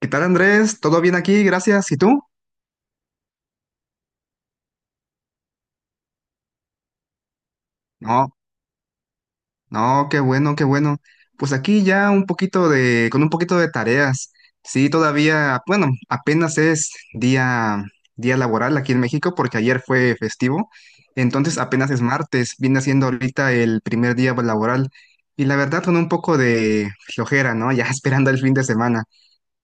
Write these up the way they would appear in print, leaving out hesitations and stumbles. ¿Qué tal, Andrés? ¿Todo bien aquí? Gracias. ¿Y tú? No, no, qué bueno, qué bueno. Pues aquí ya con un poquito de tareas. Sí, todavía, bueno, apenas es día laboral aquí en México porque ayer fue festivo. Entonces apenas es martes, viene siendo ahorita el primer día laboral. Y la verdad con un poco de flojera, ¿no? Ya esperando el fin de semana.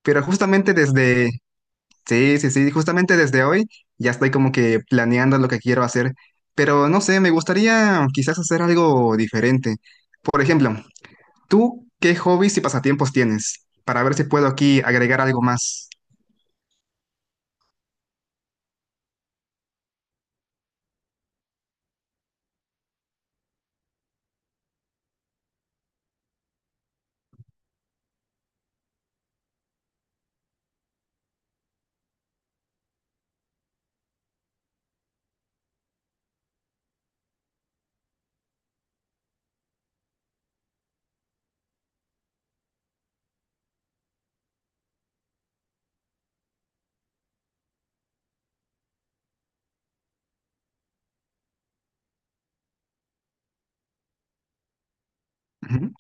Pero justamente desde, Sí, sí, sí, justamente desde hoy ya estoy como que planeando lo que quiero hacer, pero no sé, me gustaría quizás hacer algo diferente. Por ejemplo, ¿tú qué hobbies y pasatiempos tienes? Para ver si puedo aquí agregar algo más. Ujú.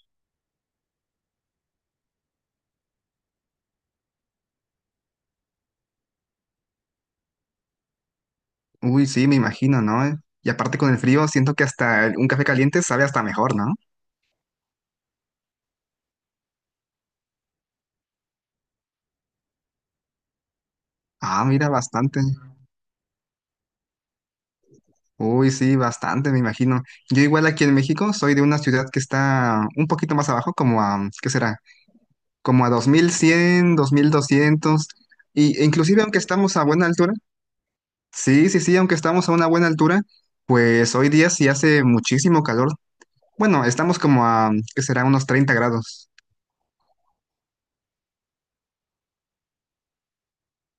Uy, sí, me imagino, ¿no? Y aparte con el frío, siento que hasta un café caliente sabe hasta mejor, ¿no? Ah, mira, bastante. Uy, sí, bastante, me imagino. Yo igual aquí en México soy de una ciudad que está un poquito más abajo, como a, ¿qué será? Como a 2100, 2200 y, inclusive aunque estamos a buena altura, sí, sí, sí, aunque estamos a una buena altura, pues hoy día sí hace muchísimo calor. Bueno, estamos como a, ¿qué será? Unos 30 grados.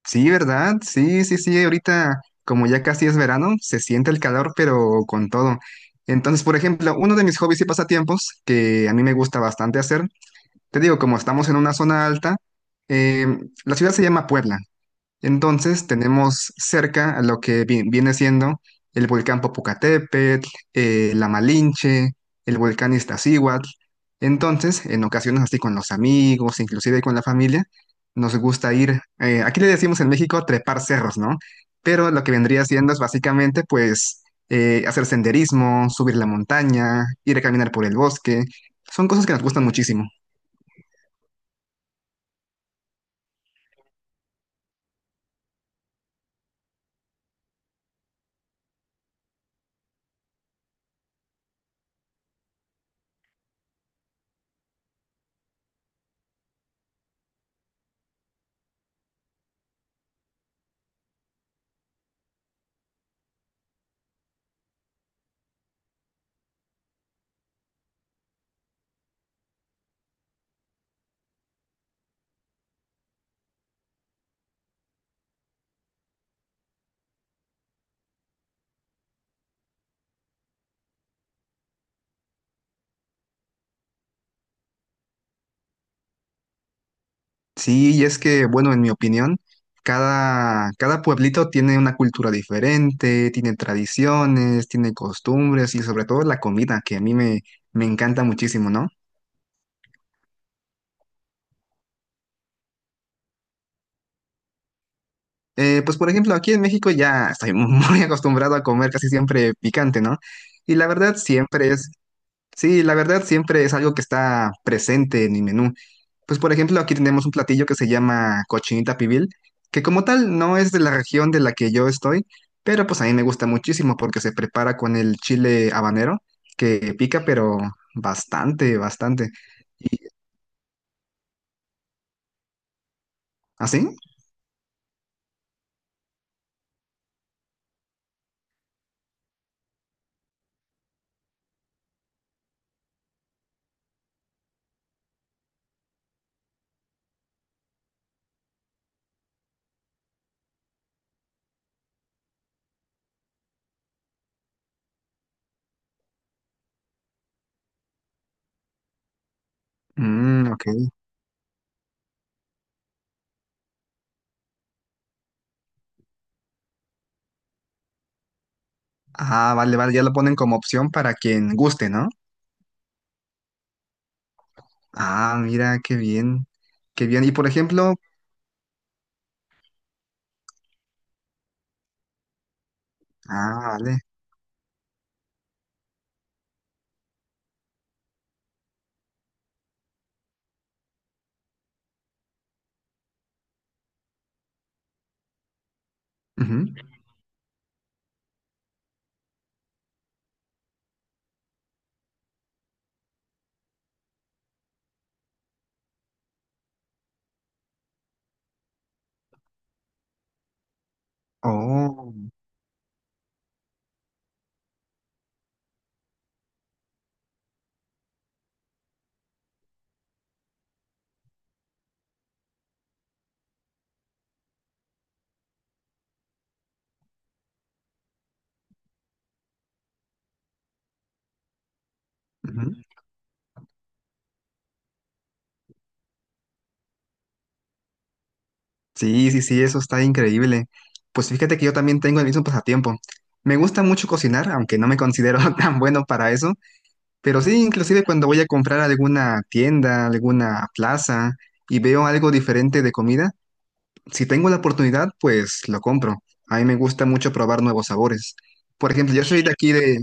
Sí, ¿verdad? Sí, sí, sí, ahorita como ya casi es verano, se siente el calor, pero con todo. Entonces, por ejemplo, uno de mis hobbies y pasatiempos que a mí me gusta bastante hacer, te digo, como estamos en una zona alta, eh, la ciudad se llama Puebla. Entonces tenemos cerca a lo que viene siendo el volcán Popocatépetl, la Malinche, el volcán Iztaccíhuatl. Entonces, en ocasiones así con los amigos, inclusive con la familia, nos gusta ir, aquí le decimos en México trepar cerros, ¿no? Pero lo que vendría siendo es básicamente pues hacer senderismo, subir la montaña, ir a caminar por el bosque. Son cosas que nos gustan muchísimo. Sí, y es que, bueno, en mi opinión, cada pueblito tiene una cultura diferente, tiene tradiciones, tiene costumbres y sobre todo la comida, que a mí me encanta muchísimo, ¿no? Pues por ejemplo, aquí en México ya estoy muy acostumbrado a comer casi siempre picante, ¿no? Y la verdad siempre es, Sí, la verdad siempre es algo que está presente en mi menú. Pues por ejemplo, aquí tenemos un platillo que se llama cochinita pibil, que como tal no es de la región de la que yo estoy, pero pues a mí me gusta muchísimo porque se prepara con el chile habanero, que pica pero bastante, bastante. ¿Y así? Mm, ok. Ah, vale, vale, ya lo ponen como opción para quien guste, ¿no? Ah, mira, qué bien, qué bien. Y por ejemplo, ah, vale. Ujú. Oh, ujú. Sí, sí, sí, eso está increíble. Pues fíjate que yo también tengo el mismo pasatiempo. Me gusta mucho cocinar, aunque no me considero tan bueno para eso, pero sí, inclusive cuando voy a comprar a alguna tienda, alguna plaza y veo algo diferente de comida, si tengo la oportunidad, pues lo compro. A mí me gusta mucho probar nuevos sabores. Por ejemplo, yo soy de aquí de.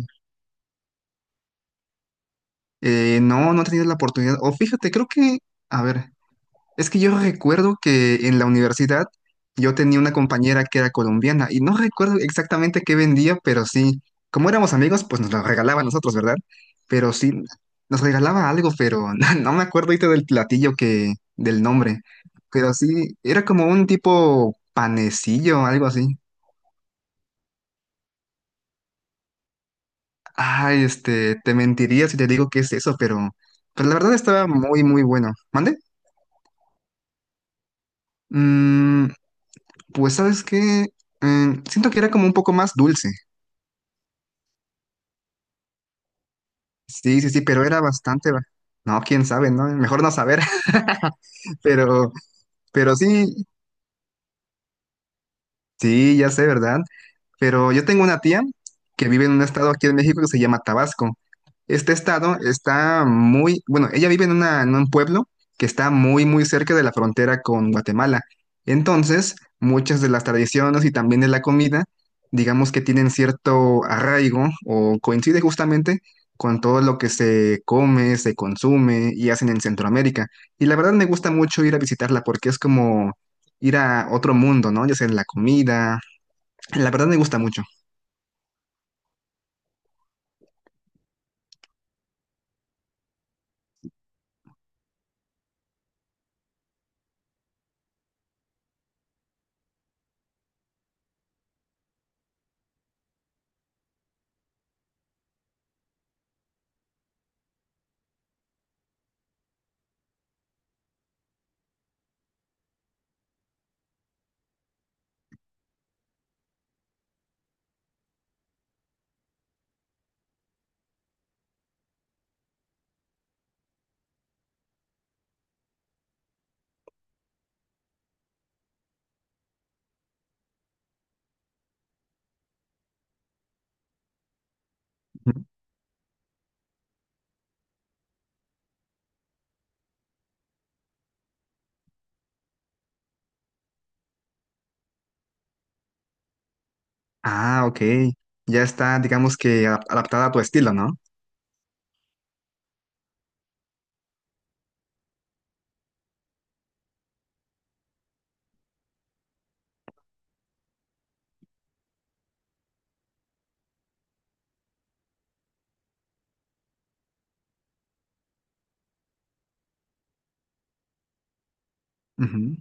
No, no he tenido la oportunidad. O fíjate, creo que. A ver. Es que yo recuerdo que en la universidad yo tenía una compañera que era colombiana y no recuerdo exactamente qué vendía, pero sí, como éramos amigos, pues nos lo regalaba a nosotros, ¿verdad? Pero sí, nos regalaba algo, pero no, no me acuerdo ahorita del platillo que, del nombre, pero sí, era como un tipo panecillo, algo así. Ay, este, te mentiría si te digo qué es eso, pero la verdad estaba muy, muy bueno. ¿Mande? Mm, pues, ¿sabes qué? Mm, siento que era como un poco más dulce. Sí, sí, sí, pero era bastante. No, quién sabe, ¿no? Mejor no saber. Pero, pero sí, sí, ya sé, ¿verdad? Pero yo tengo una tía que vive en un estado aquí en México que se llama Tabasco. Este estado está bueno, ella vive en un pueblo que está muy, muy cerca de la frontera con Guatemala. Entonces, muchas de las tradiciones y también de la comida, digamos que tienen cierto arraigo o coincide justamente con todo lo que se come, se consume y hacen en Centroamérica. Y la verdad me gusta mucho ir a visitarla porque es como ir a otro mundo, ¿no? Ya sea en la comida. La verdad me gusta mucho. Ah, ok. Ya está, digamos que adaptada a tu estilo, ¿no? Ujú.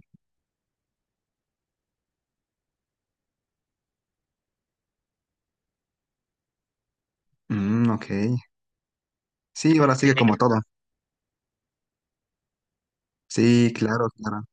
Mm, ok. Sí, ahora sigue como todo. Sí, claro, claro.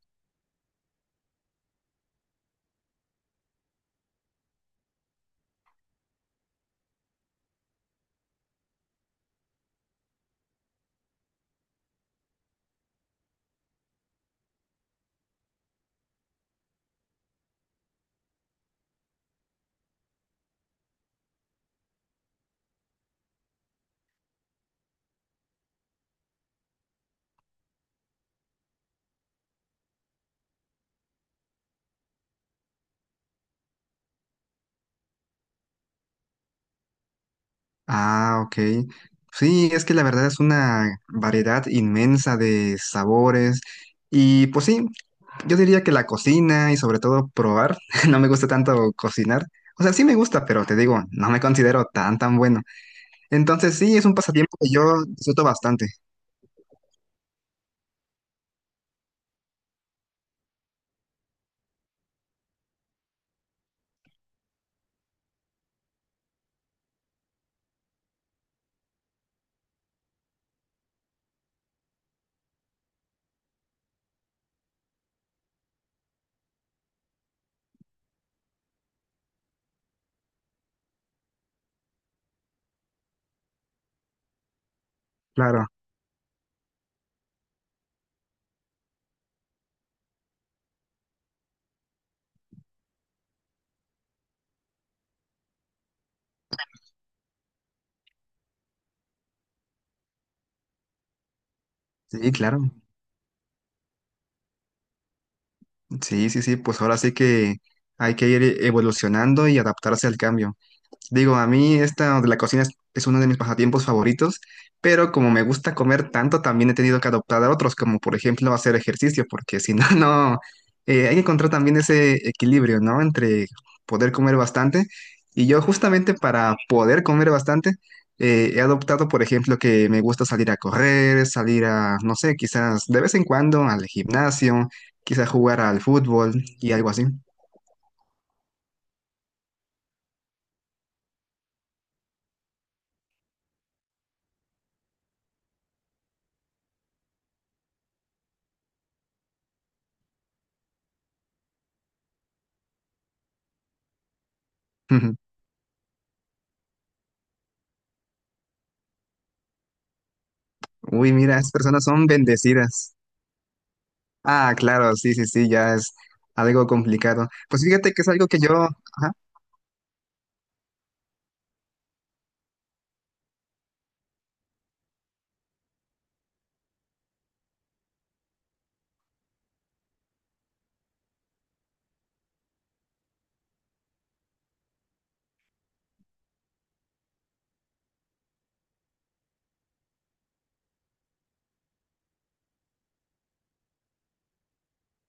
Ah, ok. Sí, es que la verdad es una variedad inmensa de sabores. Y pues sí, yo diría que la cocina y sobre todo probar, no me gusta tanto cocinar. O sea, sí me gusta, pero te digo, no me considero tan, tan bueno. Entonces sí, es un pasatiempo que yo disfruto bastante. Claro. Sí, claro. Sí, sí, sí, pues ahora sí que hay que ir evolucionando y adaptarse al cambio. Digo, a mí esta de la cocina es uno de mis pasatiempos favoritos, pero como me gusta comer tanto, también he tenido que adoptar a otros, como por ejemplo hacer ejercicio, porque si no, no, hay que encontrar también ese equilibrio, ¿no? Entre poder comer bastante. Y yo justamente para poder comer bastante, he adoptado, por ejemplo, que me gusta salir a correr, salir a, no sé, quizás de vez en cuando al gimnasio, quizás jugar al fútbol y algo así. Uy, mira, esas personas son bendecidas. Ah, claro, sí, sí, sí, ya es algo complicado. Pues fíjate que es algo que yo, ajá,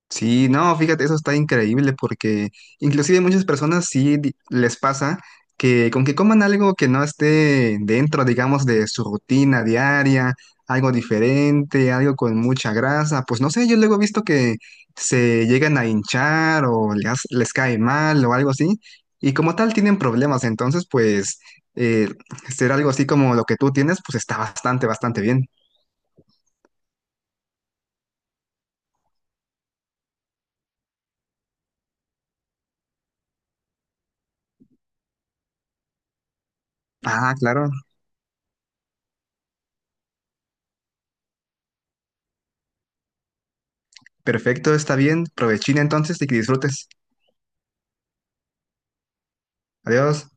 sí, no, fíjate, eso está increíble porque inclusive muchas personas sí les pasa que con que coman algo que no esté dentro, digamos, de su rutina diaria, algo diferente, algo con mucha grasa, pues no sé, yo luego he visto que se llegan a hinchar o les cae mal o algo así y como tal tienen problemas, entonces pues eh, ser algo así como lo que tú tienes, pues está bastante, bastante bien. Ah, claro, perfecto, está bien, provechina entonces y que disfrutes. Adiós.